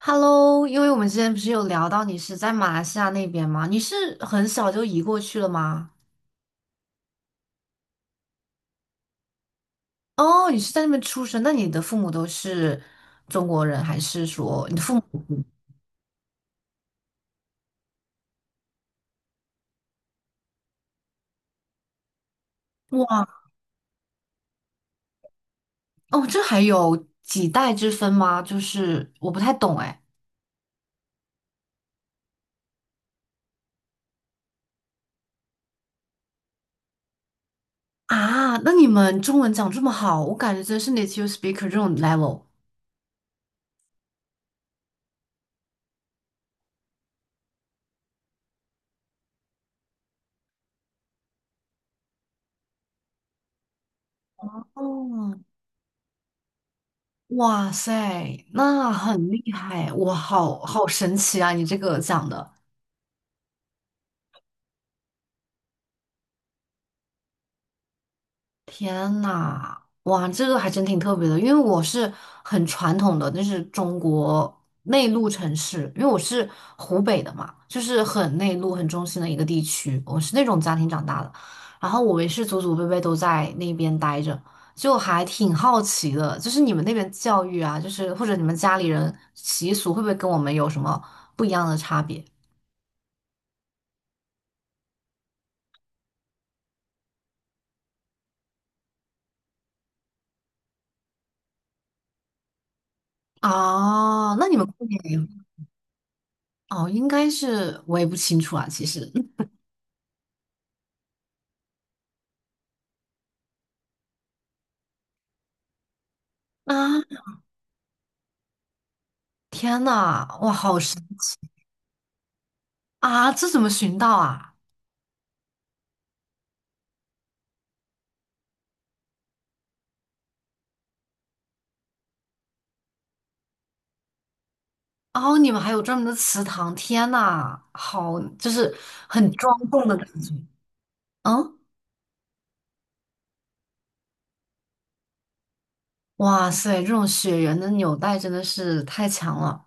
Hello，因为我们之前不是有聊到你是在马来西亚那边吗？你是很小就移过去了吗？哦，你是在那边出生，那你的父母都是中国人，还是说你的父母？哇，哦，这还有几代之分吗？就是我不太懂哎。啊，那你们中文讲这么好，我感觉真是 native speaker 这种 level。哦，哇塞，那很厉害，哇，好好神奇啊！你这个讲的。天呐，哇，这个还真挺特别的，因为我是很传统的，就是中国内陆城市，因为我是湖北的嘛，就是很内陆、很中心的一个地区，我是那种家庭长大的，然后我也是祖祖辈辈都在那边待着，就还挺好奇的，就是你们那边教育啊，就是或者你们家里人习俗会不会跟我们有什么不一样的差别？啊？那你们过年也哦，应该是我也不清楚啊，其实。啊，天呐，哇，好神奇啊！这怎么寻到啊？哦，你们还有专门的祠堂，天呐，好，就是很庄重的感觉。嗯，哇塞，这种血缘的纽带真的是太强了。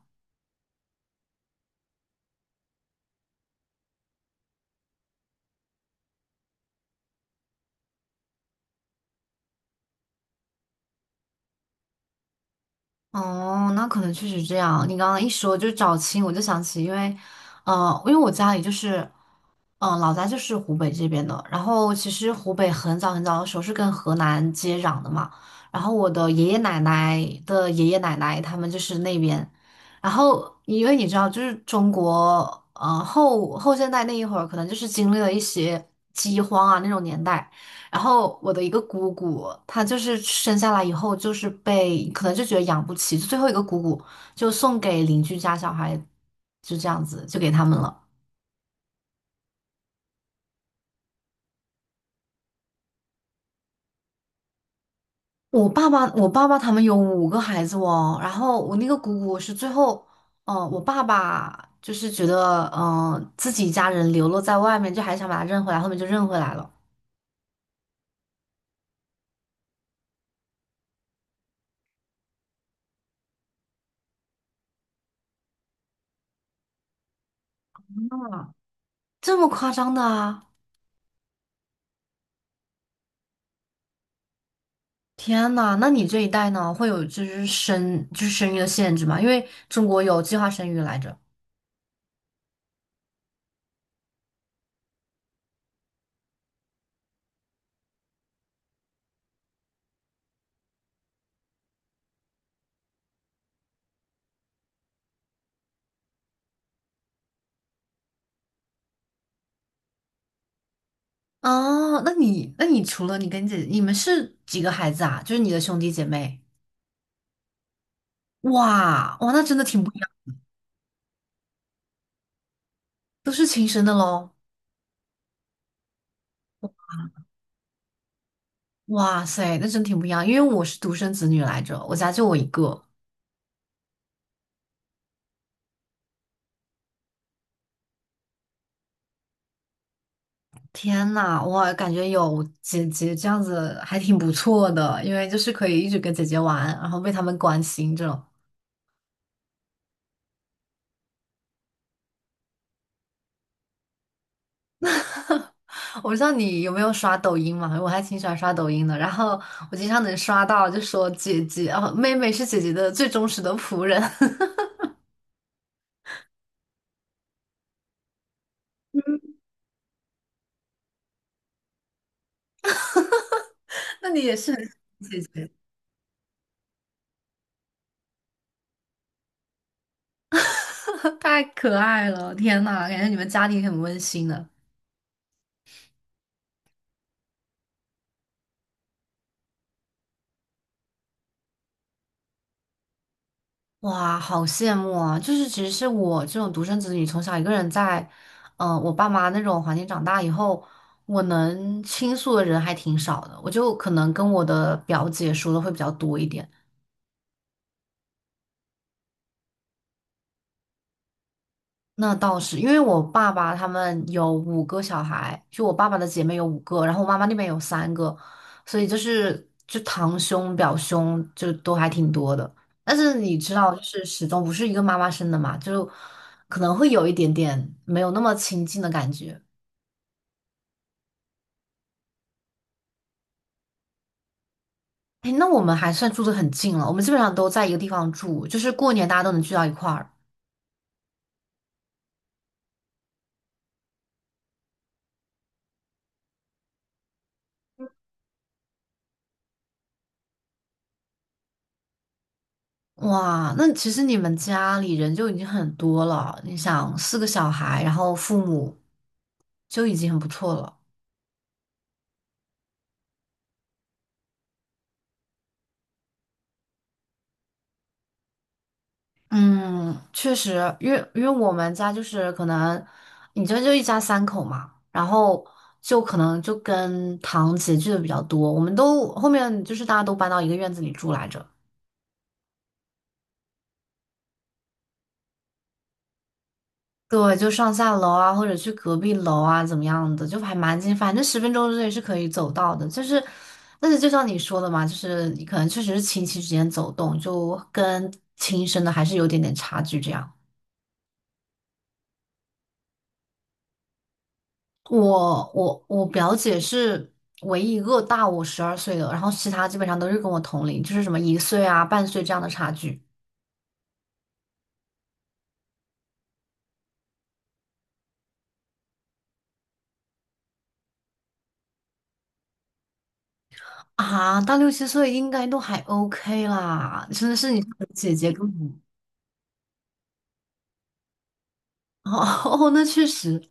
哦，那可能确实这样。你刚刚一说就找亲，我就想起，因为我家里就是。嗯，老家就是湖北这边的。然后其实湖北很早很早的时候是跟河南接壤的嘛。然后我的爷爷奶奶的爷爷奶奶他们就是那边。然后因为你知道，就是中国后现代那一会儿，可能就是经历了一些饥荒啊那种年代。然后我的一个姑姑，她就是生下来以后就是被可能就觉得养不起，就最后一个姑姑就送给邻居家小孩，就这样子就给他们了。我爸爸他们有五个孩子哦，然后我那个姑姑是最后，我爸爸就是觉得，自己家人流落在外面，就还想把他认回来，后面就认回来了，这么夸张的啊！天呐，那你这一代呢，会有就是生就是生育的限制吗？因为中国有计划生育来着。哦，那你除了你跟你姐，你们是几个孩子啊？就是你的兄弟姐妹？哇哇，那真的挺不一样，都是亲生的喽。哇塞，那真挺不一样，因为我是独生子女来着，我家就我一个。天呐，我感觉有姐姐这样子还挺不错的，因为就是可以一直跟姐姐玩，然后被他们关心这种。我不知道你有没有刷抖音嘛，我还挺喜欢刷抖音的，然后我经常能刷到就说姐姐哦，妹妹是姐姐的最忠实的仆人。那你也是很 喜欢姐姐，太可爱了，天呐，感觉你们家庭很温馨的。哇，好羡慕啊！就是其实是我这种独生子女，从小一个人在，我爸妈那种环境长大以后，我能倾诉的人还挺少的。我就可能跟我的表姐说的会比较多一点。那倒是，因为我爸爸他们有五个小孩，就我爸爸的姐妹有五个，然后我妈妈那边有三个，所以就是就堂兄、表兄就都还挺多的。但是你知道，就是始终不是一个妈妈生的嘛，就可能会有一点点没有那么亲近的感觉。哎，那我们还算住的很近了，我们基本上都在一个地方住，就是过年大家都能聚到一块儿。哇，那其实你们家里人就已经很多了。你想，四个小孩，然后父母就已经很不错了。嗯，确实，因为我们家就是可能，你这就一家三口嘛，然后就可能就跟堂姐聚的比较多。我们都后面就是大家都搬到一个院子里住来着。对，就上下楼啊，或者去隔壁楼啊，怎么样的，就还蛮近，反正10分钟之内是可以走到的。就是，但是就像你说的嘛，就是你可能确实是亲戚之间走动，就跟亲生的还是有点点差距这样。我表姐是唯一一个大我12岁的，然后其他基本上都是跟我同龄，就是什么1岁啊、半岁这样的差距啊，到六七岁应该都还 OK 啦，真的是你姐姐跟我。哦，那确实，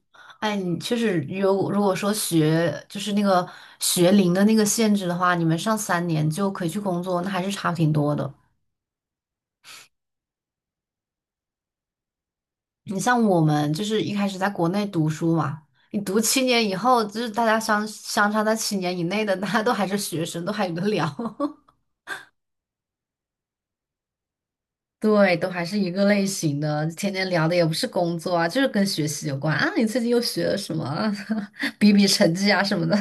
哎，你确实有，如果说学龄的那个限制的话，你们上3年就可以去工作，那还是差挺多的。你像我们就是一开始在国内读书嘛，你读七年以后，就是大家相差在七年以内的，大家都还是学生，都还有的聊。对，都还是一个类型的，天天聊的也不是工作啊，就是跟学习有关啊。你最近又学了什么啊？比比成绩啊什么的，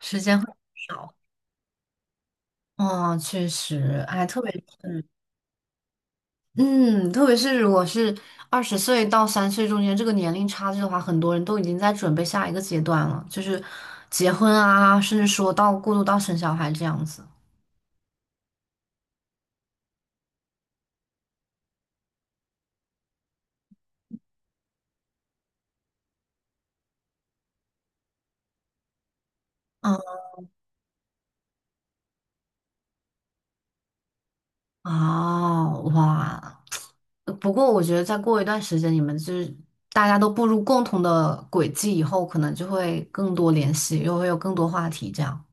时间会少。哦，确实，哎，特别是如果是20岁到30岁中间这个年龄差距的话，很多人都已经在准备下一个阶段了，就是结婚啊，甚至说到过渡到生小孩这样子。嗯，哦，哇，不过我觉得再过一段时间，你们就是大家都步入共同的轨迹以后，可能就会更多联系，又会有更多话题这样。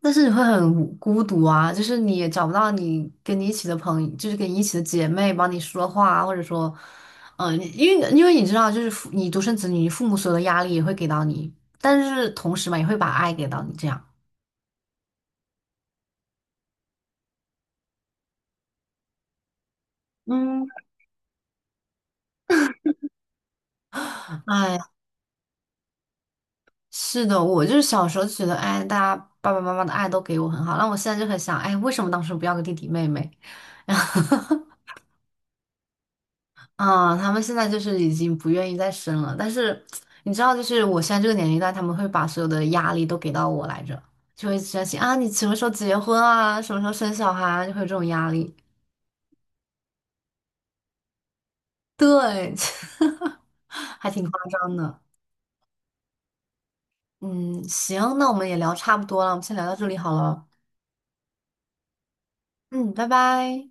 但是你会很孤独啊，就是你也找不到你跟你一起的朋友，就是跟你一起的姐妹帮你说话啊或者说，你因为你知道，就是你独生子女，你父母所有的压力也会给到你，但是同时嘛，也会把爱给到你，这样。嗯，哎，是的，我就是小时候就觉得，哎，大家爸爸妈妈的爱都给我很好，那我现在就很想，哎，为什么当时不要个弟弟妹妹？啊，他们现在就是已经不愿意再生了，但是你知道，就是我现在这个年龄段，他们会把所有的压力都给到我来着，就会担心啊，你什么时候结婚啊，什么时候生小孩啊，就会有这种压力。对，还挺夸张的。嗯，行，那我们也聊差不多了，我们先聊到这里好了。嗯，拜拜。